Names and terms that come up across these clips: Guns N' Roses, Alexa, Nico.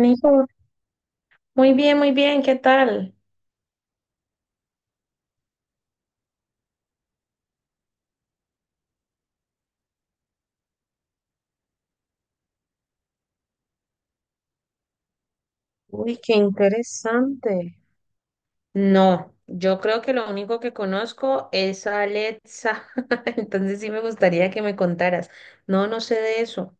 Nico, muy bien, ¿qué tal? Uy, qué interesante. No, yo creo que lo único que conozco es a Alexa, entonces sí me gustaría que me contaras. No, no sé de eso.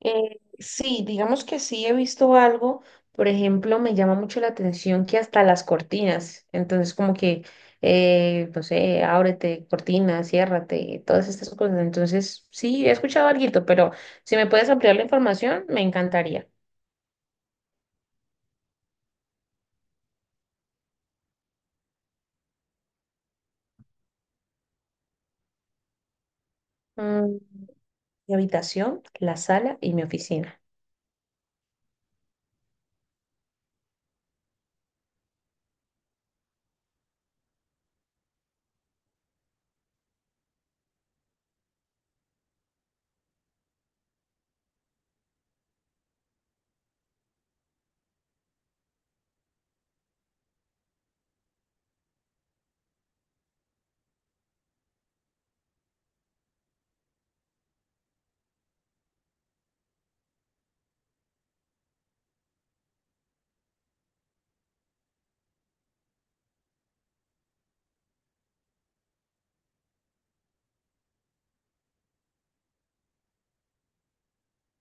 Sí, digamos que sí he visto algo, por ejemplo, me llama mucho la atención que hasta las cortinas, entonces como que, no sé, ábrete, cortina, ciérrate, todas estas cosas. Entonces sí, he escuchado algo, pero si me puedes ampliar la información, me encantaría. Mm, mi habitación, la sala y mi oficina.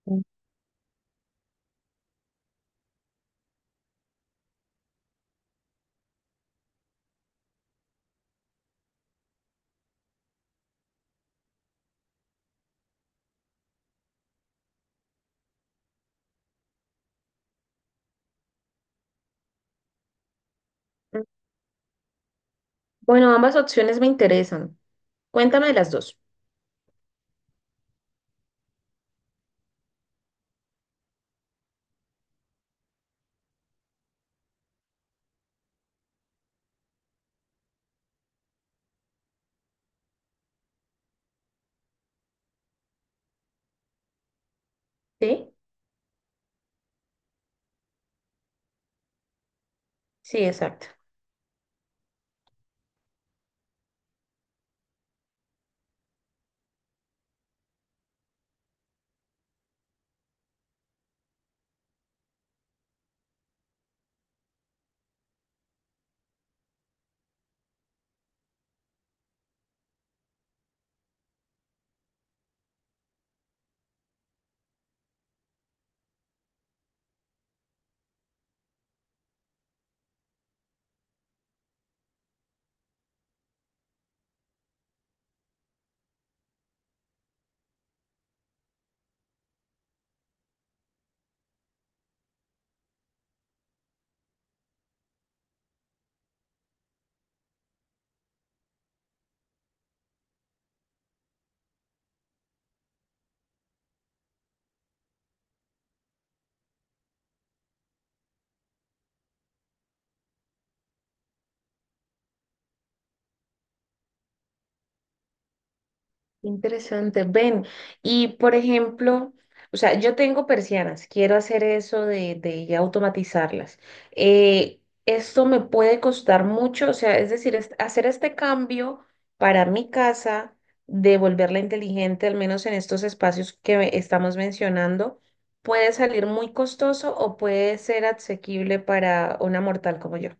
Mm, bueno, ambas opciones me interesan. Cuéntame de las dos. ¿Sí? Sí, exacto. Interesante, ven. Y por ejemplo, o sea, yo tengo persianas, quiero hacer eso de, ya automatizarlas. Eh, esto me puede costar mucho, o sea, es decir, hacer este cambio para mi casa, de volverla inteligente, al menos en estos espacios que estamos mencionando, puede salir muy costoso o puede ser asequible para una mortal como yo.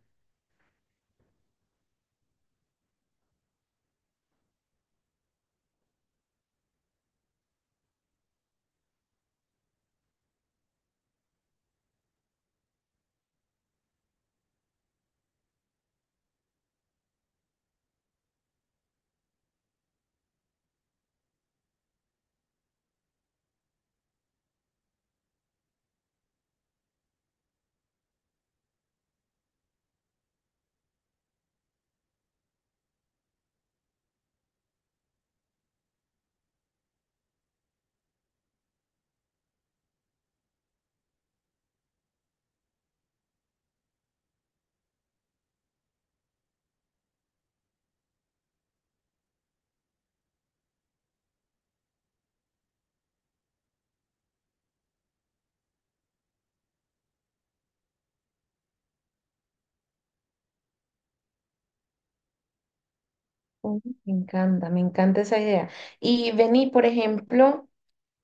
Oh, me encanta, me encanta esa idea. Y vení, por ejemplo,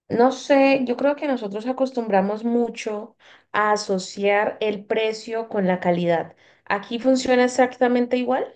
no sé, yo creo que nosotros acostumbramos mucho a asociar el precio con la calidad. ¿Aquí funciona exactamente igual?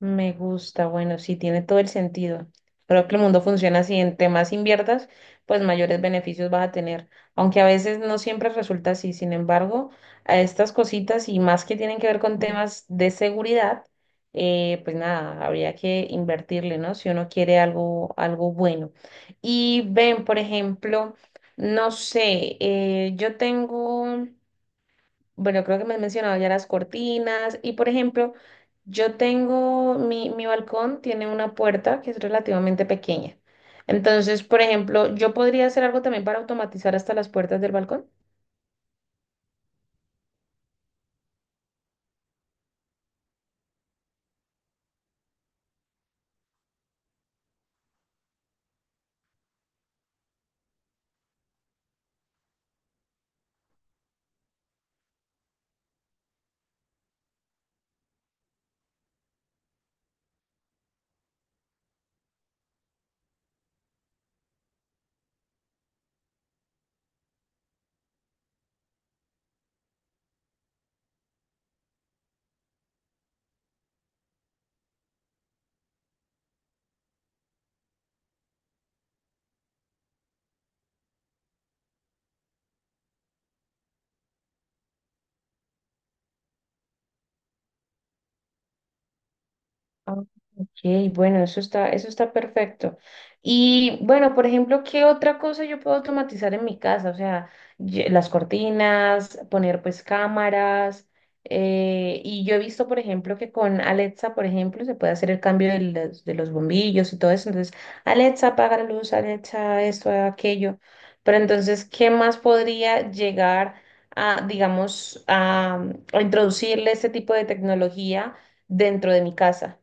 Me gusta, bueno, sí, tiene todo el sentido. Creo que el mundo funciona así, entre más inviertas, pues mayores beneficios vas a tener, aunque a veces no siempre resulta así. Sin embargo, a estas cositas y más que tienen que ver con temas de seguridad, pues nada, habría que invertirle, ¿no? Si uno quiere algo, algo bueno. Y ven, por ejemplo, no sé, yo tengo, bueno, creo que me has mencionado ya las cortinas y, por ejemplo, yo tengo, mi balcón tiene una puerta que es relativamente pequeña. Entonces, por ejemplo, yo podría hacer algo también para automatizar hasta las puertas del balcón. Ah, ok, bueno, eso está perfecto. Y bueno, por ejemplo, ¿qué otra cosa yo puedo automatizar en mi casa? O sea, las cortinas, poner pues cámaras. Y yo he visto, por ejemplo, que con Alexa, por ejemplo, se puede hacer el cambio de los bombillos y todo eso. Entonces, Alexa, apaga la luz, Alexa, esto, aquello. Pero entonces, ¿qué más podría llegar a, digamos, a introducirle este tipo de tecnología dentro de mi casa?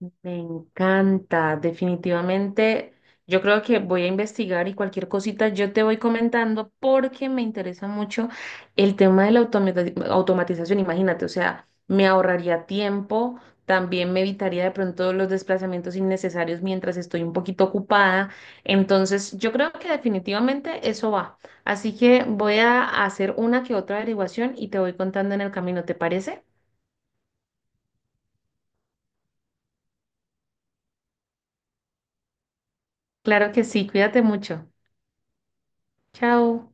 Me encanta, definitivamente. Yo creo que voy a investigar y cualquier cosita yo te voy comentando porque me interesa mucho el tema de la automatización. Imagínate, o sea, me ahorraría tiempo, también me evitaría de pronto los desplazamientos innecesarios mientras estoy un poquito ocupada. Entonces, yo creo que definitivamente eso va. Así que voy a hacer una que otra averiguación y te voy contando en el camino, ¿te parece? Claro que sí, cuídate mucho. Chao.